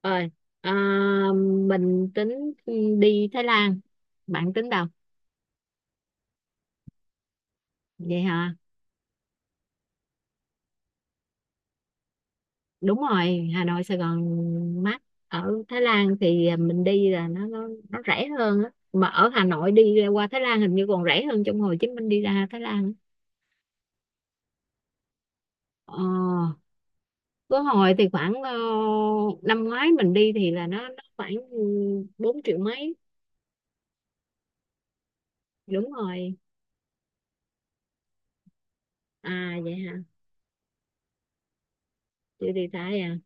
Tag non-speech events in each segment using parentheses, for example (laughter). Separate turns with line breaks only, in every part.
Ơi, à, mình tính đi Thái Lan. Bạn tính đâu? Vậy hả? Đúng rồi, Hà Nội Sài Gòn mắc. Ở Thái Lan thì mình đi là nó rẻ hơn á, mà ở Hà Nội đi qua Thái Lan hình như còn rẻ hơn trong Hồ Chí Minh đi ra Thái Lan. ờ có hồi thì khoảng năm ngoái mình đi thì là nó khoảng 4 triệu mấy. Đúng rồi. À, vậy hả? Chưa đi Thái à?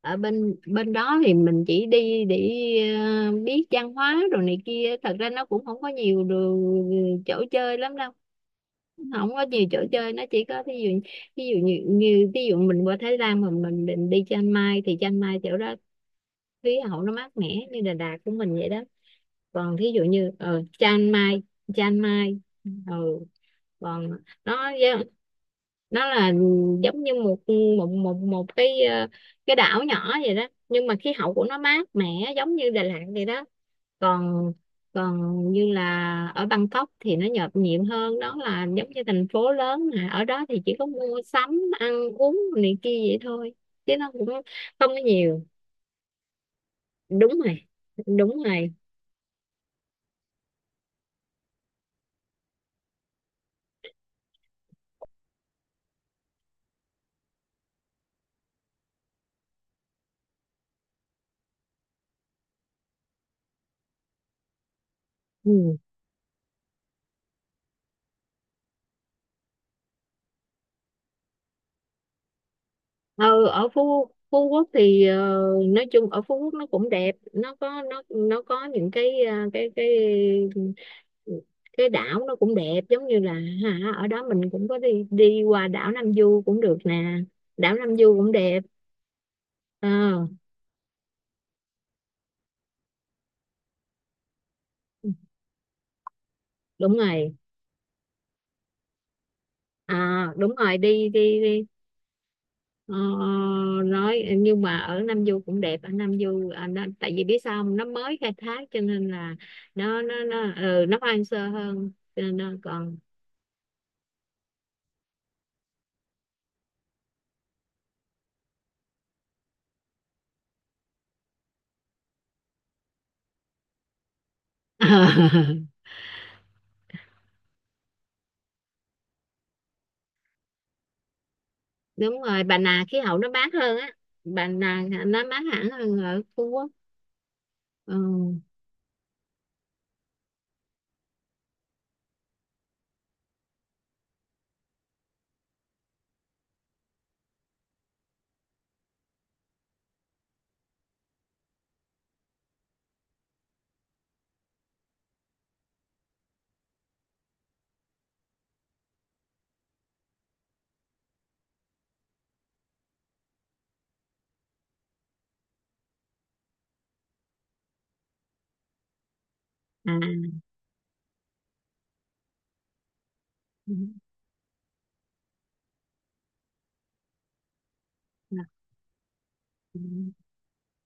Ở bên bên đó thì mình chỉ đi để, biết văn hóa rồi này kia, thật ra nó cũng không có nhiều đồ- ừ, chỗ chơi lắm đâu. Không có nhiều chỗ chơi, nó chỉ có thí dụ, ví dụ như ví dụ mình qua Thái Lan mà mình định đi Chiang Mai thì Chiang Mai chỗ đó khí hậu nó mát mẻ như Đà Lạt của mình vậy đó. Còn thí dụ như Chiang Mai. ừ Còn nó nó là giống như một một một một cái đảo nhỏ vậy đó, nhưng mà khí hậu của nó mát mẻ giống như Đà Lạt vậy đó. Còn còn như là ở Bangkok thì nó nhộn nhịp hơn đó, là giống như thành phố lớn, mà ở đó thì chỉ có mua sắm, ăn uống này kia vậy thôi, chứ nó cũng không có nhiều. Đúng rồi, đúng rồi. Ừ. Ừ, ở Phú Phú Quốc thì, nói chung ở Phú Quốc nó cũng đẹp, nó có những cái ờ, cái đảo nó cũng đẹp giống như là, hả, ở đó mình cũng có đi đi qua đảo Nam Du cũng được nè. Đảo Nam Du cũng đẹp. Ờ, đúng rồi. À, đúng rồi, đi đi đi. Ờ, nói nhưng mà ở Nam Du cũng đẹp, ở Nam Du à, nó, tại vì biết sao không? Nó mới khai thác cho nên là nó hoang sơ hơn, cho nên nó còn. (laughs) Đúng rồi, Bà Nà khí hậu nó mát hơn á. Bà Nà nó mát hẳn hơn ở Phú Quốc. Ừ. À. Ừ.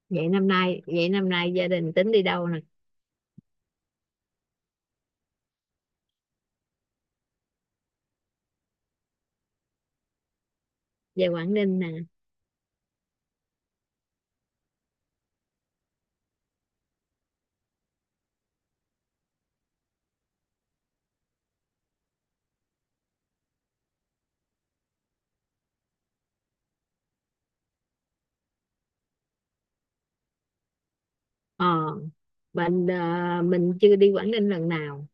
Vậy năm nay gia đình tính đi đâu nè? Về Quảng Ninh nè. Ờ mình ờ, mình chưa đi Quảng Ninh lần nào,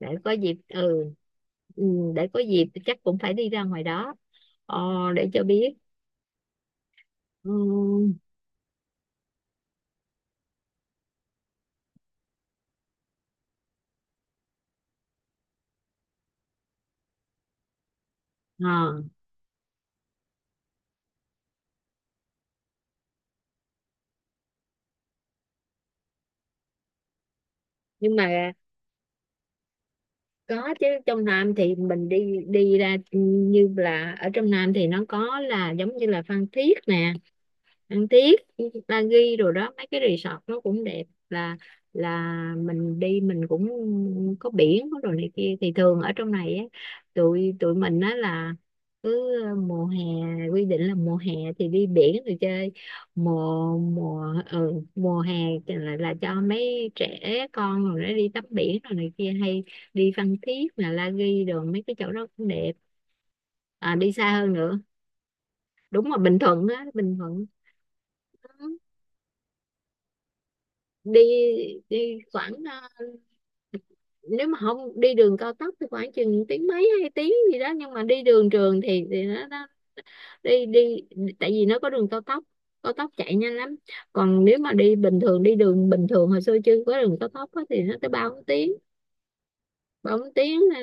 để có dịp. Ừ. Ừ, để có dịp thì chắc cũng phải đi ra ngoài đó, ờ, để cho biết. Ừ. Ờ, nhưng mà có chứ, trong Nam thì mình đi đi ra, ừ, như là ở trong Nam thì nó có là giống như là Phan Thiết nè, ăn tiếp Bali rồi đó, mấy cái resort nó cũng đẹp. Là là mình đi mình cũng có biển, có đồ này kia, thì thường ở trong này á, tụi tụi mình á là cứ, mùa hè, quy định là mùa hè thì đi biển rồi chơi. Mùa mùa ừ, mùa hè thì là cho mấy trẻ con rồi nó đi tắm biển rồi này kia, hay đi Phan Thiết là La Ghi rồi mấy cái chỗ đó cũng đẹp. À, đi xa hơn nữa, đúng rồi, Bình Thuận á, Bình Thuận. Đi đi khoảng, nếu mà không đi đường cao tốc thì khoảng chừng tiếng mấy, 2 tiếng gì đó, nhưng mà đi đường trường thì nó, đi đi tại vì nó có đường cao tốc, cao tốc chạy nhanh lắm. Còn nếu mà đi bình thường, đi đường bình thường hồi xưa chưa có đường cao tốc á, thì nó tới ba bốn tiếng. Ba bốn tiếng à.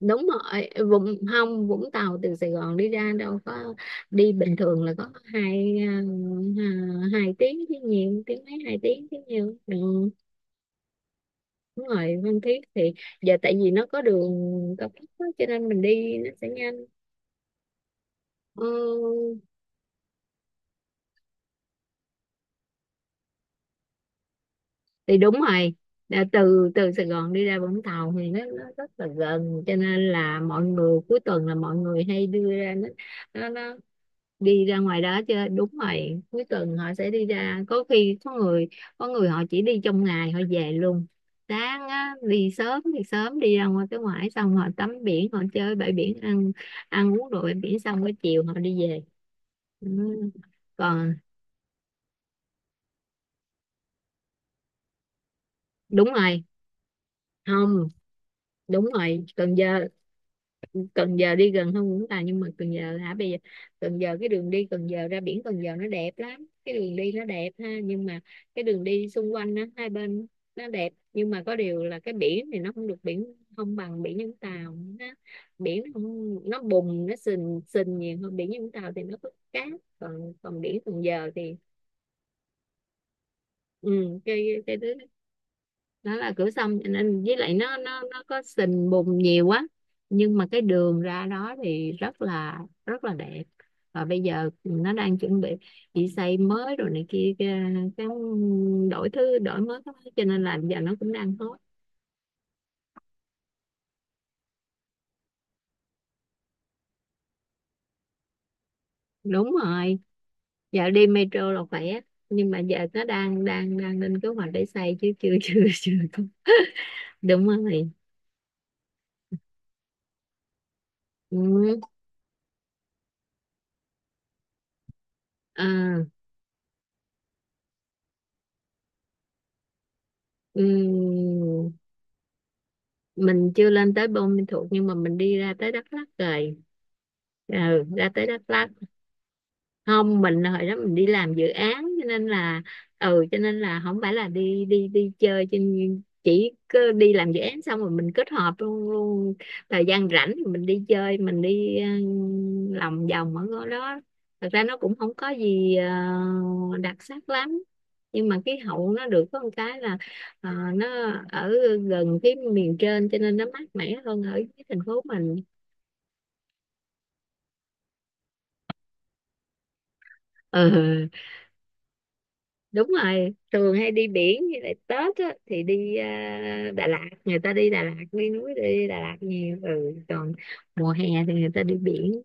Đúng rồi, Vũng, không, Vũng Tàu từ Sài Gòn đi ra đâu có, đi bình thường là có hai tiếng chứ nhiều, tiếng mấy, hai tiếng chứ nhiều. Ừ. Đúng rồi, Phan Thiết thì giờ tại vì nó có đường cao tốc á, cho nên mình đi nó sẽ nhanh. Ừ, thì đúng rồi. Đã từ từ Sài Gòn đi ra Vũng Tàu thì nó rất là gần, cho nên là mọi người cuối tuần là mọi người hay đưa ra, nó nó đi ra ngoài đó chứ. Đúng rồi, cuối tuần họ sẽ đi ra, có khi có người họ chỉ đi trong ngày họ về luôn. Sáng á, đi sớm thì sớm đi ra ngoài cái ngoại xong họ tắm biển, họ chơi bãi biển, ăn ăn uống đồ bãi biển xong cái chiều họ đi về. Ừ. Còn, đúng rồi, không, đúng rồi, Cần Giờ. Cần Giờ đi gần hơn Vũng Tàu, nhưng mà Cần Giờ hả, bây giờ Cần Giờ, cái đường đi Cần Giờ ra biển Cần Giờ nó đẹp lắm, cái đường đi nó đẹp ha, nhưng mà cái đường đi xung quanh á, hai bên nó đẹp, nhưng mà có điều là cái biển thì nó không được, biển không bằng biển Vũng Tàu, nó, biển nó không, nó bùng, nó sình sình nhiều hơn. Biển Vũng Tàu thì nó có cát, còn còn biển Cần Giờ thì, ừ, cái đó, đó là cửa sông, cho nên với lại nó có sình bùn nhiều quá, nhưng mà cái đường ra đó thì rất là, rất là đẹp. Và bây giờ nó đang chuẩn bị xây mới rồi này kia, cái đổi thứ, đổi mới cái- cho nên là giờ nó cũng đang hot. Đúng rồi, giờ đi metro là khỏe, nhưng mà giờ nó đang đang đang lên kế hoạch để xây chứ chưa, (laughs) chưa chưa có. Đúng rồi. Ừ. À. Ừ. Mình chưa lên tới Buôn Ma Thuột, nhưng mà mình đi ra tới Đắk Lắk rồi. Ừ, ra tới Đắk Lắk, không, mình hồi đó mình đi làm dự án cho nên là, ừ, cho nên là không phải là đi đi đi chơi trên, chỉ cứ đi làm dự án xong rồi mình kết hợp luôn, luôn thời gian rảnh thì mình đi chơi, mình đi, lòng vòng ở ngôi đó. Thật ra nó cũng không có gì đặc sắc lắm, nhưng mà khí hậu nó được có một cái là, ờ, nó ở gần cái miền trên cho nên nó mát mẻ hơn ở dưới thành phố mình. Ừ. Đúng rồi, thường hay đi biển, với lại Tết á, thì đi, Đà Lạt, người ta đi Đà Lạt, đi núi, đi Đà Lạt nhiều. Ừ. Còn mùa hè thì người ta đi biển.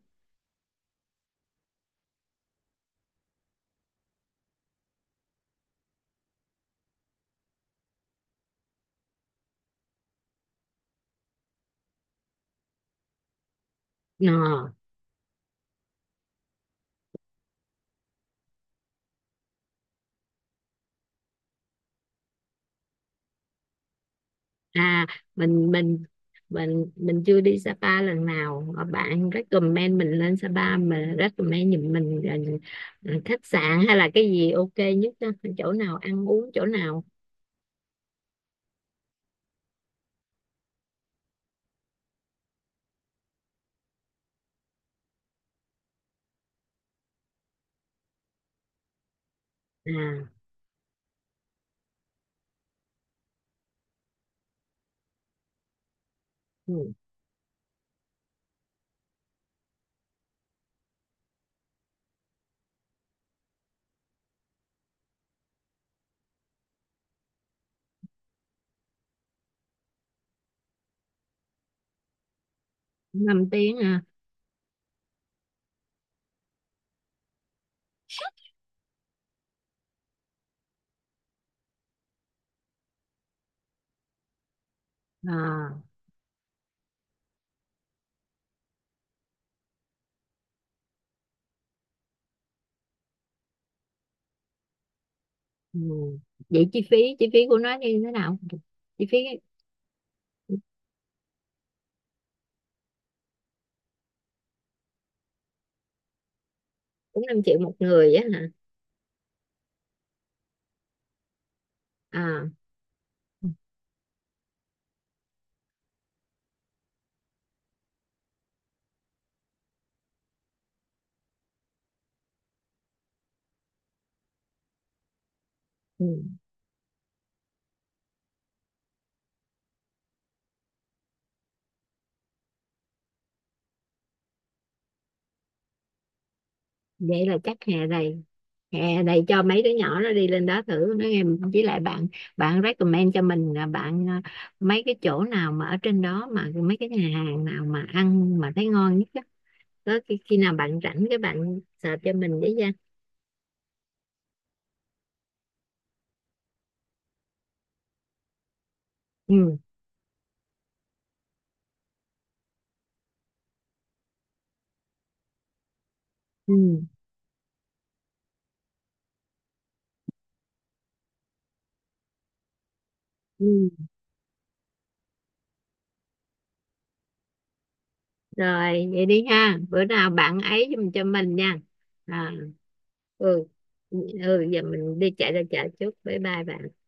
Ờ. À, mình mình mình chưa đi Sapa lần nào, mà bạn recommend mình lên Sapa, mà recommend giùm mình là khách sạn hay là cái gì ok nhất á, chỗ nào ăn uống chỗ nào. À. Ừ. 5 tiếng à? À. Ừ. Vậy chi phí của nó như thế nào? Chi phí cũng 5 triệu một người á hả? À. Ừ. Vậy là chắc hè này cho mấy đứa nhỏ nó đi lên đó thử nó nghe. Với lại bạn bạn recommend cho mình là, bạn à, mấy cái chỗ nào mà ở trên đó, mà mấy cái nhà hàng nào mà ăn mà thấy ngon nhất á, tới khi nào bạn rảnh cái bạn search cho mình với nha. Ừ. Ừ. Ừ. Rồi vậy đi ha, bữa nào bạn ấy giùm cho mình nha. À. Ừ. Ừ, giờ mình đi chạy ra chợ trước, bye bye bạn.